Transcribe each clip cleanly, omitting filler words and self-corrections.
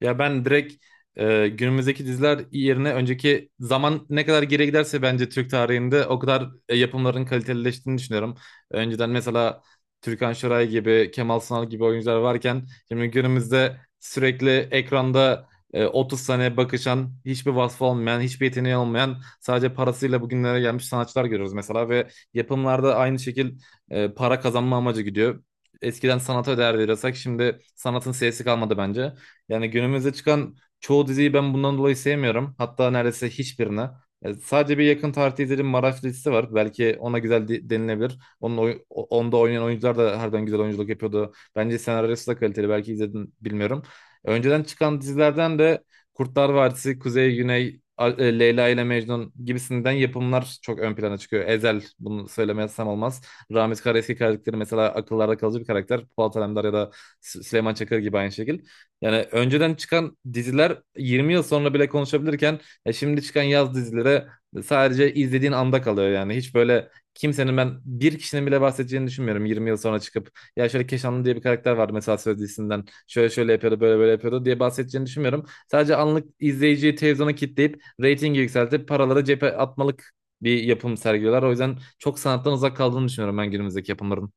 Ya ben direkt günümüzdeki diziler yerine önceki zaman ne kadar geriye giderse bence Türk tarihinde o kadar yapımların kalitelileştiğini düşünüyorum. Önceden mesela Türkan Şoray gibi, Kemal Sunal gibi oyuncular varken şimdi günümüzde sürekli ekranda 30 sene bakışan, hiçbir vasfı olmayan, hiçbir yeteneği olmayan, sadece parasıyla bugünlere gelmiş sanatçılar görüyoruz mesela ve yapımlarda aynı şekil para kazanma amacı gidiyor. Eskiden sanata değer veriyorsak şimdi sanatın sesi kalmadı bence. Yani günümüzde çıkan çoğu diziyi ben bundan dolayı sevmiyorum. Hatta neredeyse hiçbirini. Sadece bir yakın tarihte izlediğim Maraş dizisi var. Belki ona güzel denilebilir. Onun onda oynayan oyuncular da harbiden güzel oyunculuk yapıyordu. Bence senaryosu da kaliteli. Belki izledin bilmiyorum. Önceden çıkan dizilerden de Kurtlar Vadisi, Kuzey Güney, Leyla ile Mecnun gibisinden yapımlar çok ön plana çıkıyor. Ezel bunu söylemezsem olmaz. Ramiz Karaeski karakteri mesela akıllarda kalıcı bir karakter. Polat Alemdar ya da Süleyman Çakır gibi aynı şekil. Yani önceden çıkan diziler 20 yıl sonra bile konuşabilirken ya şimdi çıkan yaz dizilere sadece izlediğin anda kalıyor yani. Hiç böyle kimsenin ben bir kişinin bile bahsedeceğini düşünmüyorum 20 yıl sonra çıkıp ya şöyle Keşanlı diye bir karakter vardı mesela Söz dizisinden şöyle şöyle yapıyordu böyle böyle yapıyordu diye bahsedeceğini düşünmüyorum. Sadece anlık izleyiciyi televizyona kitleyip reytingi yükseltip paraları cebe atmalık bir yapım sergiliyorlar. O yüzden çok sanattan uzak kaldığını düşünüyorum ben günümüzdeki yapımların.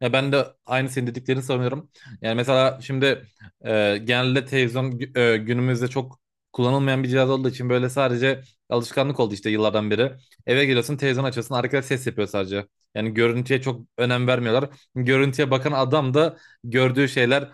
Ya ben de aynı senin dediklerini sanıyorum. Yani mesela şimdi genelde televizyon günümüzde çok kullanılmayan bir cihaz olduğu için böyle sadece alışkanlık oldu işte yıllardan beri. Eve geliyorsun televizyon açıyorsun arkada ses yapıyor sadece. Yani görüntüye çok önem vermiyorlar. Görüntüye bakan adam da gördüğü şeyler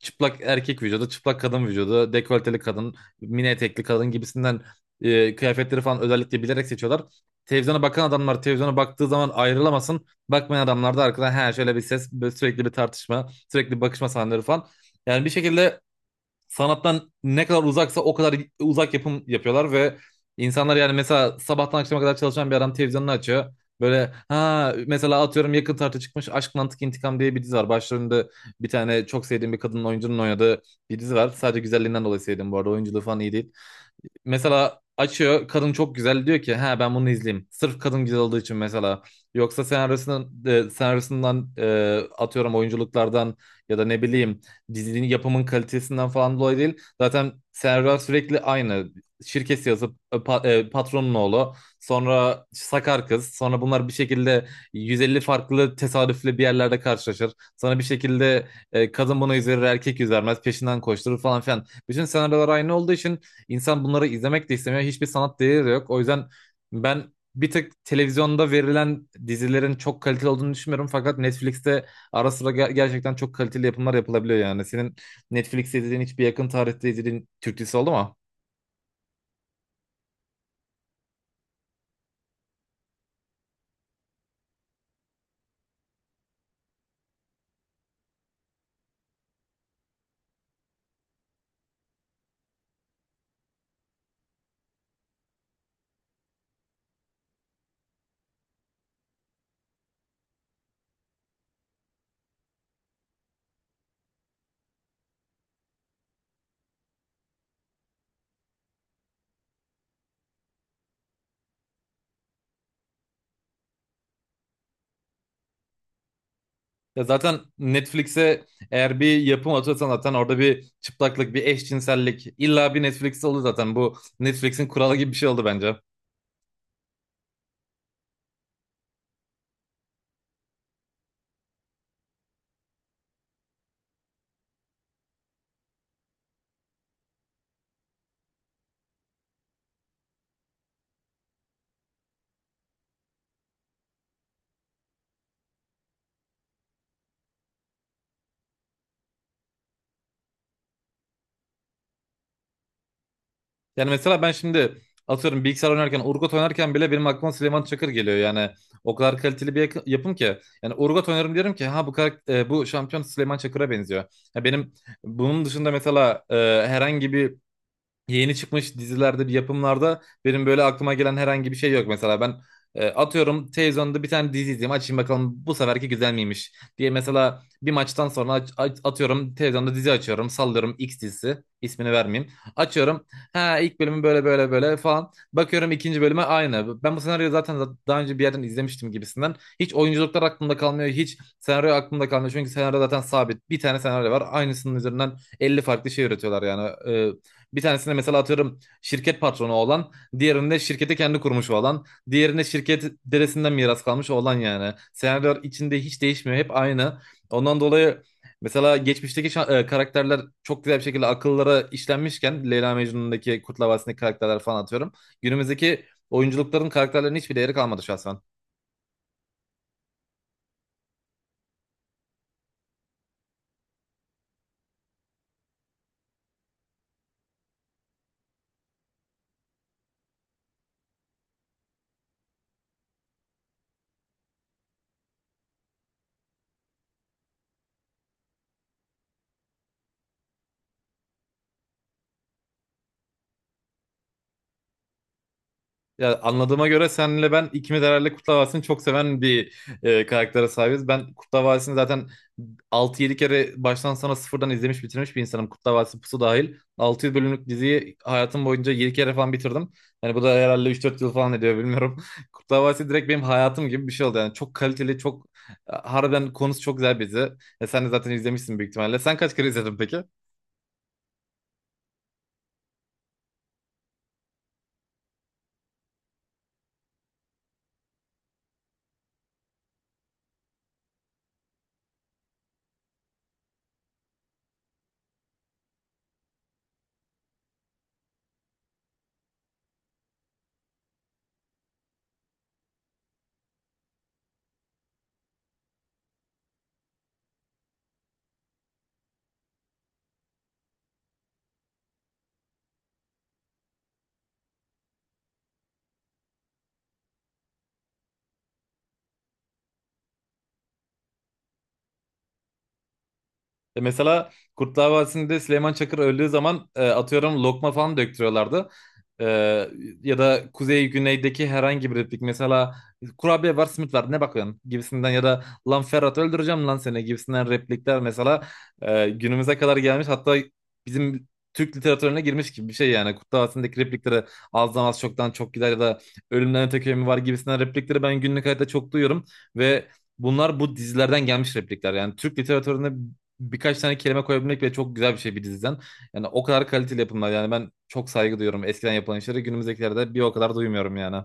çıplak erkek vücudu, çıplak kadın vücudu, dekolteli kadın, mini etekli kadın gibisinden kıyafetleri falan özellikle bilerek seçiyorlar. Televizyona bakan adamlar televizyona baktığı zaman ayrılamasın. Bakmayan adamlar da arkadan he şöyle bir ses, böyle sürekli bir tartışma, sürekli bir bakışma sahneleri falan. Yani bir şekilde sanattan ne kadar uzaksa o kadar uzak yapım yapıyorlar ve insanlar yani mesela sabahtan akşama kadar çalışan bir adam televizyonunu açıyor. Böyle ha mesela atıyorum yakın tartı çıkmış Aşk Mantık İntikam diye bir dizi var. Başlarında bir tane çok sevdiğim bir kadının oyuncunun oynadığı bir dizi var. Sadece güzelliğinden dolayı sevdim bu arada. Oyunculuğu falan iyi değil mesela açıyor kadın çok güzel diyor ki ha ben bunu izleyeyim. Sırf kadın güzel olduğu için mesela. Yoksa senaryosundan atıyorum oyunculuklardan ya da ne bileyim dizinin yapımın kalitesinden falan dolayı değil. Zaten senaryolar sürekli aynı. Şirkesi yazıp patronun oğlu sonra sakar kız sonra bunlar bir şekilde 150 farklı tesadüfle bir yerlerde karşılaşır. Sonra bir şekilde kadın bunu üzerir erkek üzermez peşinden koşturur falan filan. Bütün senaryolar aynı olduğu için İnsan bunları izlemek de istemiyor. Hiçbir sanat değeri de yok. O yüzden ben bir tık televizyonda verilen dizilerin çok kaliteli olduğunu düşünmüyorum. Fakat Netflix'te ara sıra gerçekten çok kaliteli yapımlar yapılabiliyor yani. Senin Netflix'te izlediğin hiçbir yakın tarihte izlediğin Türk dizisi oldu mu? Ya zaten Netflix'e eğer bir yapım atıyorsan zaten orada bir çıplaklık, bir eşcinsellik illa bir Netflix'te olur zaten. Bu Netflix'in kuralı gibi bir şey oldu bence. Yani mesela ben şimdi atıyorum bilgisayar oynarken, Urgot oynarken bile benim aklıma Süleyman Çakır geliyor. Yani o kadar kaliteli bir yapım ki. Yani Urgot oynarım diyorum ki ha bu şampiyon Süleyman Çakır'a benziyor. Ya benim bunun dışında mesela herhangi bir yeni çıkmış dizilerde, bir yapımlarda benim böyle aklıma gelen herhangi bir şey yok. Mesela ben atıyorum televizyonda bir tane dizi izleyeyim açayım bakalım bu seferki güzel miymiş diye mesela bir maçtan sonra atıyorum televizyonda dizi açıyorum sallıyorum X dizisi ismini vermeyeyim. Açıyorum ha ilk bölümü böyle böyle böyle falan bakıyorum ikinci bölüme aynı. Ben bu senaryoyu zaten daha önce bir yerden izlemiştim gibisinden. Hiç oyunculuklar aklımda kalmıyor hiç senaryo aklımda kalmıyor çünkü senaryo zaten sabit bir tane senaryo var aynısının üzerinden 50 farklı şey üretiyorlar yani. Bir tanesinde mesela atıyorum şirket patronu olan, diğerinde şirketi kendi kurmuş olan, diğerinde şirket dedesinden miras kalmış olan yani. Senaryo içinde hiç değişmiyor, hep aynı. Ondan dolayı mesela geçmişteki karakterler çok güzel bir şekilde akıllara işlenmişken Leyla Mecnun'daki Kurtlar Vadisi'ndeki karakterler falan atıyorum. Günümüzdeki oyunculukların karakterlerinin hiçbir değeri kalmadı şahsen. Ya anladığıma göre senle ben ikimiz herhalde Kurtlar Vadisi'ni çok seven bir karaktere sahibiz. Ben Kurtlar Vadisi'ni zaten altı yedi kere baştan sona sıfırdan izlemiş bitirmiş bir insanım. Kurtlar Vadisi Pusu dahil. 600 bölümlük diziyi hayatım boyunca 7 kere falan bitirdim. Yani bu da herhalde üç dört yıl falan ediyor bilmiyorum. Kurtlar Vadisi direkt benim hayatım gibi bir şey oldu. Yani çok kaliteli, çok harbiden konusu çok güzel bir dizi. Sen de zaten izlemişsin büyük ihtimalle. Sen kaç kere izledin peki? Mesela Kurtlar Vadisi'nde Süleyman Çakır öldüğü zaman atıyorum lokma falan döktürüyorlardı. E, ya da Kuzey Güneydeki herhangi bir replik mesela kurabiye var simit var ne bakıyorsun gibisinden ya da lan Ferhat öldüreceğim lan seni gibisinden replikler mesela günümüze kadar gelmiş hatta bizim Türk literatürüne girmiş gibi bir şey yani Kurtlar Vadisi'ndeki replikleri azdan az çoktan çok gider ya da ölümden öte köy mü var gibisinden replikleri ben günlük hayatta çok duyuyorum ve bunlar bu dizilerden gelmiş replikler. Yani Türk literatüründe birkaç tane kelime koyabilmek bile çok güzel bir şey bir diziden. Yani o kadar kaliteli yapımlar. Yani ben çok saygı duyuyorum eskiden yapılan işleri. Günümüzdekilerde bir o kadar duymuyorum yani.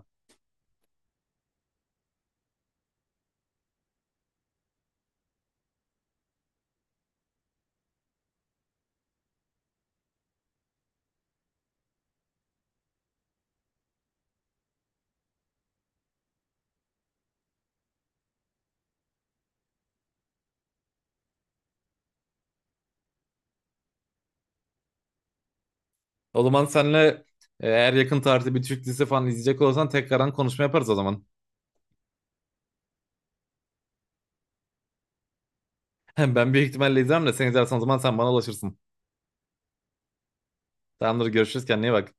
O zaman senle eğer yakın tarihte bir Türk dizisi falan izleyecek olursan tekrardan konuşma yaparız o zaman. Ben büyük ihtimalle izlerim de sen izlersen o zaman sen bana ulaşırsın. Tamamdır görüşürüz kendine iyi bak.